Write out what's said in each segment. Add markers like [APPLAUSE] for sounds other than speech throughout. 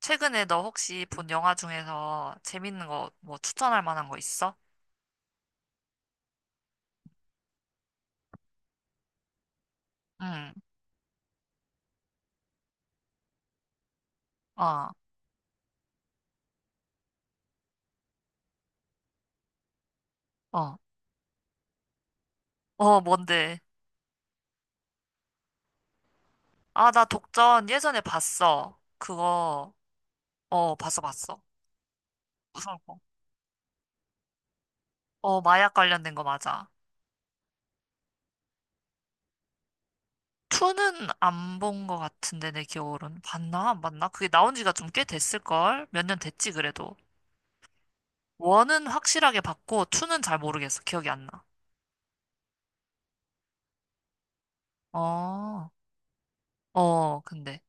최근에 너 혹시 본 영화 중에서 재밌는 거 뭐 추천할 만한 거 있어? 응. 어. 어. 어, 뭔데? 아, 나 독전 예전에 봤어. 그거, 어, 봤어, 봤어. 무서울 거. 어, 마약 관련된 거 맞아. 투는 안 본 거 같은데, 내 기억으로는. 봤나? 안 봤나? 그게 나온 지가 좀 꽤 됐을걸? 몇 년 됐지, 그래도. 원은 확실하게 봤고, 투는잘 모르겠어. 기억이 안 나. 어, 어, 근데.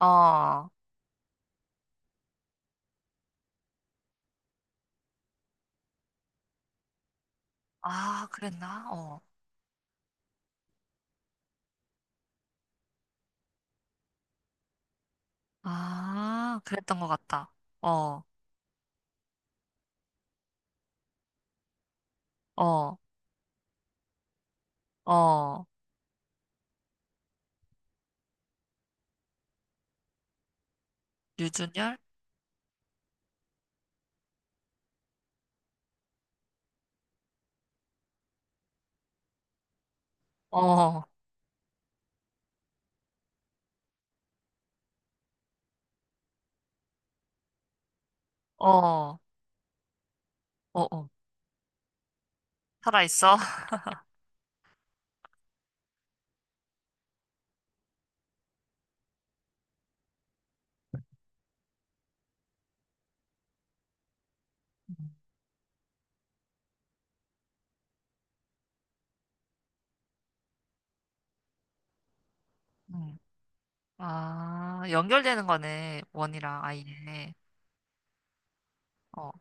어. 아, 그랬나? 어. 아, 그랬던 것 같다. 어. 어. 어, 유준열? 어. 어. 어. 어. 살아있어? [LAUGHS] 음. 음. 아, 연결되는 거네. 원이랑 아이네. 어.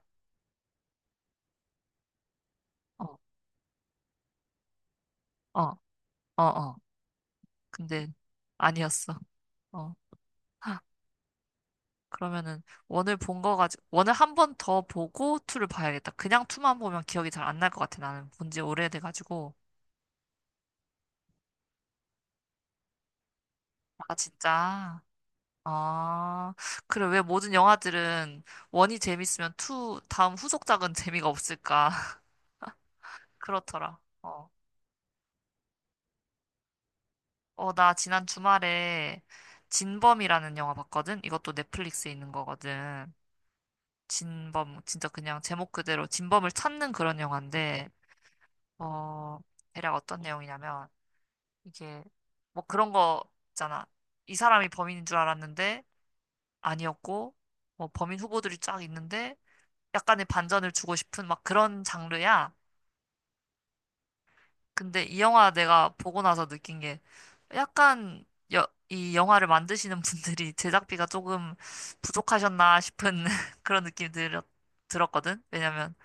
어. 어. 어. 어. 근데 아니었어. 어. [LAUGHS] 하, 그러면은 원을 본 거 가지고 원을 한 번 더 보고 투를 봐야겠다. 그냥 투만 보면 기억이 잘 안 날 것 같아. 나는 본지 오래돼 가지고. 아, 진짜. 아, 그래. 왜 모든 영화들은 원이 재밌으면 투, 다음 후속작은 재미가 없을까? [LAUGHS] 그렇더라. 어. 어, 나 지난 주말에 진범이라는 영화 봤거든? 이것도 넷플릭스에 있는 거거든. 진범, 진짜 그냥 제목 그대로 진범을 찾는 그런 영화인데, 어, 대략 어떤 내용이냐면, 이게 뭐 그런 거 있잖아. 이 사람이 범인인 줄 알았는데, 아니었고, 뭐 범인 후보들이 쫙 있는데, 약간의 반전을 주고 싶은 막 그런 장르야. 근데 이 영화 내가 보고 나서 느낀 게 약간 이 영화를 만드시는 분들이 [LAUGHS] 제작비가 조금 부족하셨나 싶은 [LAUGHS] 그런 느낌이 들었거든. 왜냐면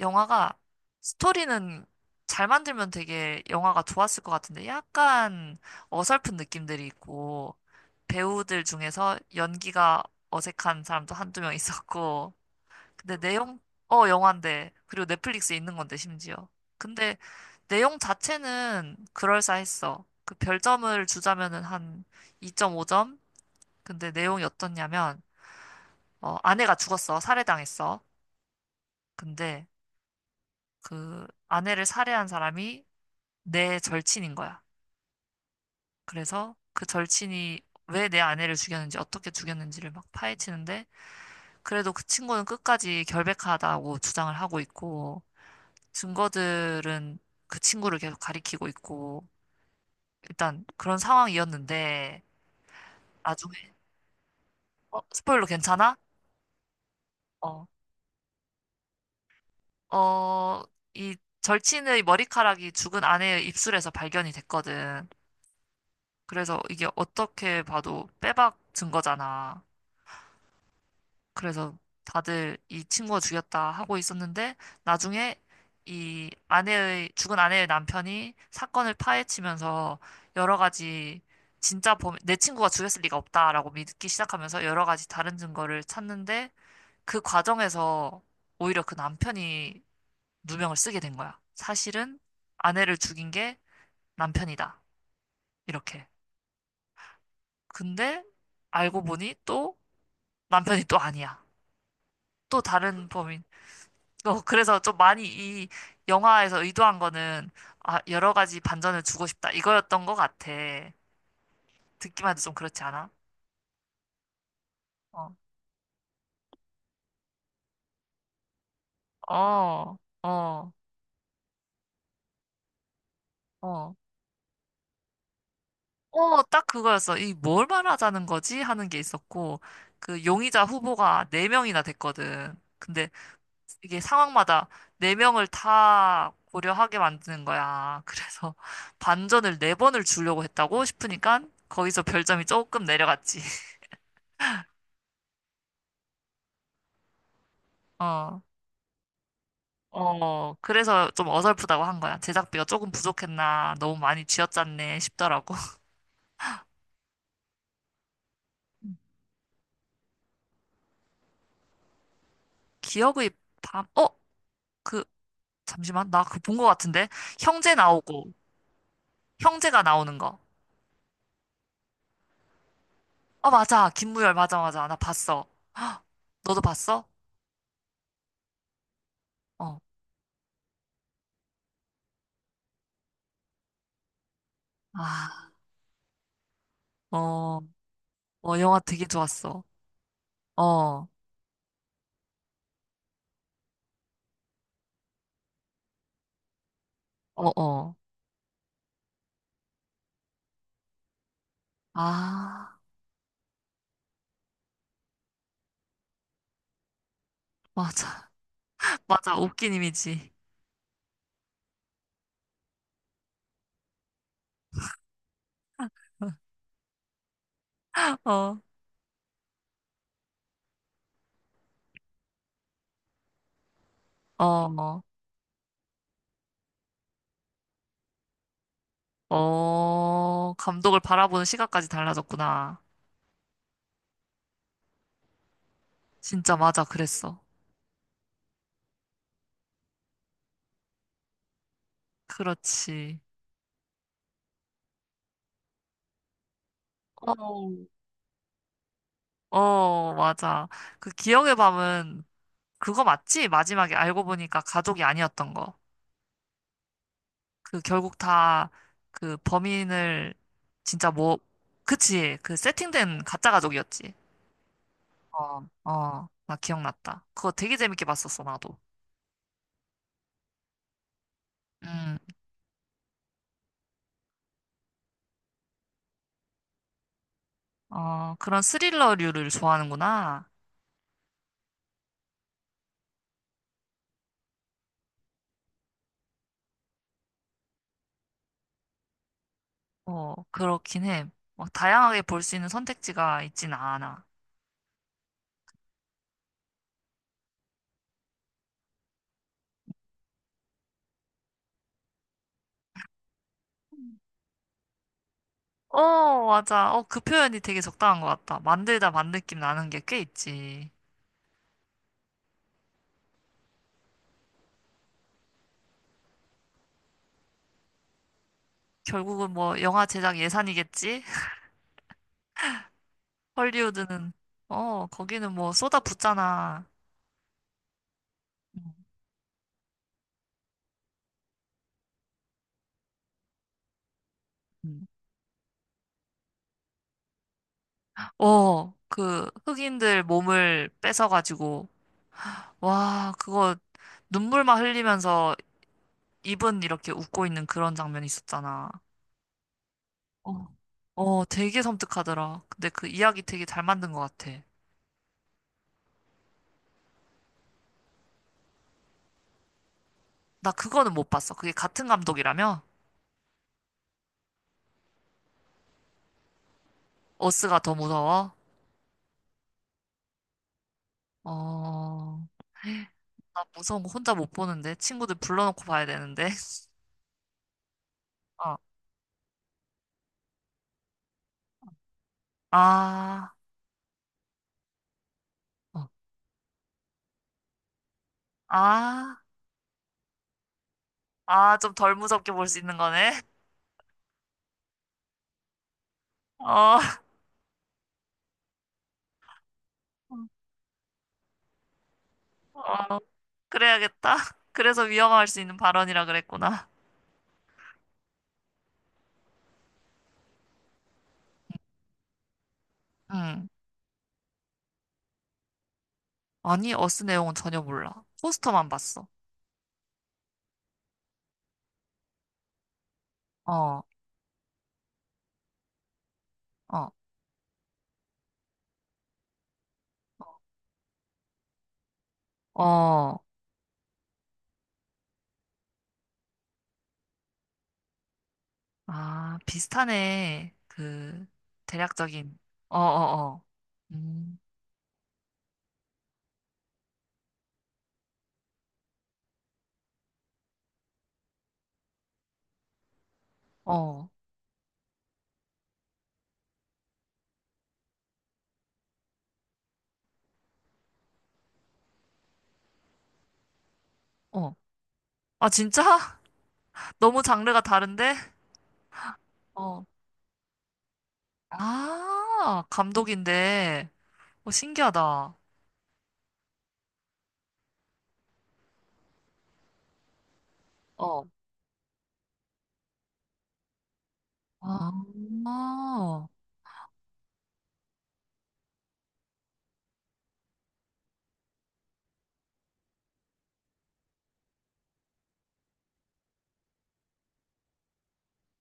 영화가 스토리는 잘 만들면 되게 영화가 좋았을 것 같은데 약간 어설픈 느낌들이 있고 배우들 중에서 연기가 어색한 사람도 한두 명 있었고 근데 내용, 어, 영화인데. 그리고 넷플릭스에 있는 건데, 심지어. 근데 내용 자체는 그럴싸했어. 그 별점을 주자면은 한 2.5점? 근데 내용이 어떻냐면, 어, 아내가 죽었어. 살해당했어. 근데 그 아내를 살해한 사람이 내 절친인 거야. 그래서 그 절친이 왜 내 아내를 죽였는지, 어떻게 죽였는지를 막 파헤치는데, 그래도 그 친구는 끝까지 결백하다고 주장을 하고 있고, 증거들은 그 친구를 계속 가리키고 있고, 일단 그런 상황이었는데, 나중에, 어, 스포일러 괜찮아? 어. 어, 이 절친의 머리카락이 죽은 아내의 입술에서 발견이 됐거든. 그래서 이게 어떻게 봐도 빼박 증거잖아. 그래서 다들 이 친구가 죽였다 하고 있었는데 나중에 이 아내의 죽은 아내의 남편이 사건을 파헤치면서 여러 가지 진짜 범인 내 친구가 죽였을 리가 없다라고 믿기 시작하면서 여러 가지 다른 증거를 찾는데 그 과정에서 오히려 그 남편이 누명을 쓰게 된 거야. 사실은 아내를 죽인 게 남편이다. 이렇게. 근데 알고 보니 또 남편이 또 아니야. 또 다른 범인. 어, 그래서 좀 많이 이 영화에서 의도한 거는, 아, 여러 가지 반전을 주고 싶다. 이거였던 것 같아. 듣기만 해도 좀 그렇지 않아? 어. 어. 어. 어. 어, 딱 그거였어. 이 뭘 말하자는 거지? 하는 게 있었고, 그 용의자 후보가 네명이나 됐거든. 근데 이게 상황마다 네명을다 고려하게 만드는 거야. 그래서 [LAUGHS] 반전을 네번을 주려고 했다고 싶으니까 거기서 별점이 조금 내려갔지. [LAUGHS] 어. 어, 그래서 좀 어설프다고 한 거야. 제작비가 조금 부족했나, 너무 많이 쥐어짰네 싶더라고. [LAUGHS] 기억의 밤, 어, 그, 잠시만, 나 그 본 거 같은데? 형제 나오고, 형제가 나오는 거. 어, 맞아. 김무열, 맞아, 맞아. 나 봤어. 너도 봤어? 어. 아. 어. 어, 영화 되게 좋았어. 어. 어. 어. 아, 맞아. [LAUGHS] 맞아. 웃긴 이미지. [LAUGHS] 어. 어. 어, 감독을 바라보는 시각까지 달라졌구나. 진짜 맞아, 그랬어. 그렇지. 어. 어, 맞아. 그 기억의 밤은 그거 맞지? 마지막에 알고 보니까 가족이 아니었던 거. 그 결국 다 그 범인을 진짜 뭐, 그치. 그 세팅된 가짜 가족이었지. 어. 어, 나 기억났다. 그거 되게 재밌게 봤었어, 나도. 음. 어, 그런 스릴러류를 좋아하는구나. 어, 그렇긴 해. 막 다양하게 볼 수 있는 선택지가 있진 않아. 어, 맞아. 어, 그 표현이 되게 적당한 것 같다. 만들다 만 느낌 나는 게 꽤 있지. 결국은 뭐 영화 제작 예산이겠지? [LAUGHS] 헐리우드는 어, 거기는 뭐 쏟아붓잖아. 음. 음. 어, 그 흑인들 몸을 뺏어가지고 와, 그거 눈물만 흘리면서 입은 이렇게 웃고 있는 그런 장면이 있었잖아. 어. 어, 되게 섬뜩하더라. 근데 그 이야기 되게 잘 만든 것 같아. 나 그거는 못 봤어. 그게 같은 감독이라며? 어스가 더 무서워? 어, 나 무서운 거 혼자 못 보는데. 친구들 불러놓고 봐야 되는데. [LAUGHS] 어. 아. 어. 아. 아, 좀 덜 무섭게 볼 수 있는 거네. [LAUGHS] 어. 어, 그래야겠다. 그래서 위험할 수 있는 발언이라 그랬구나. 응. 아니, 어스 내용은 전혀 몰라. 포스터만 봤어. 어. 어. 어. 아, 비슷하네. 그, 대략적인. 어. 어. 어. 음. 어. 어. 아, 진짜? [LAUGHS] 너무 장르가 다른데? 어. 아, 감독인데. 어, 신기하다. 어. 아,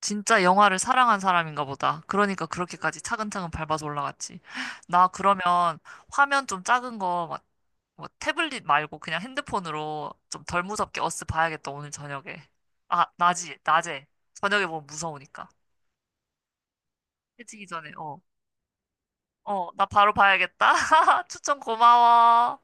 진짜 영화를 사랑한 사람인가 보다. 그러니까 그렇게까지 차근차근 밟아서 올라갔지. [GASPS] 나 그러면 화면 좀 작은 거, 막, 뭐 태블릿 말고 그냥 핸드폰으로 좀 덜 무섭게 어스 봐야겠다, 오늘 저녁에. 아, 낮에. 저녁에 보면 무서우니까. 해지기 전에, 어. 어, 나 바로 봐야겠다. [LAUGHS] 추천 고마워.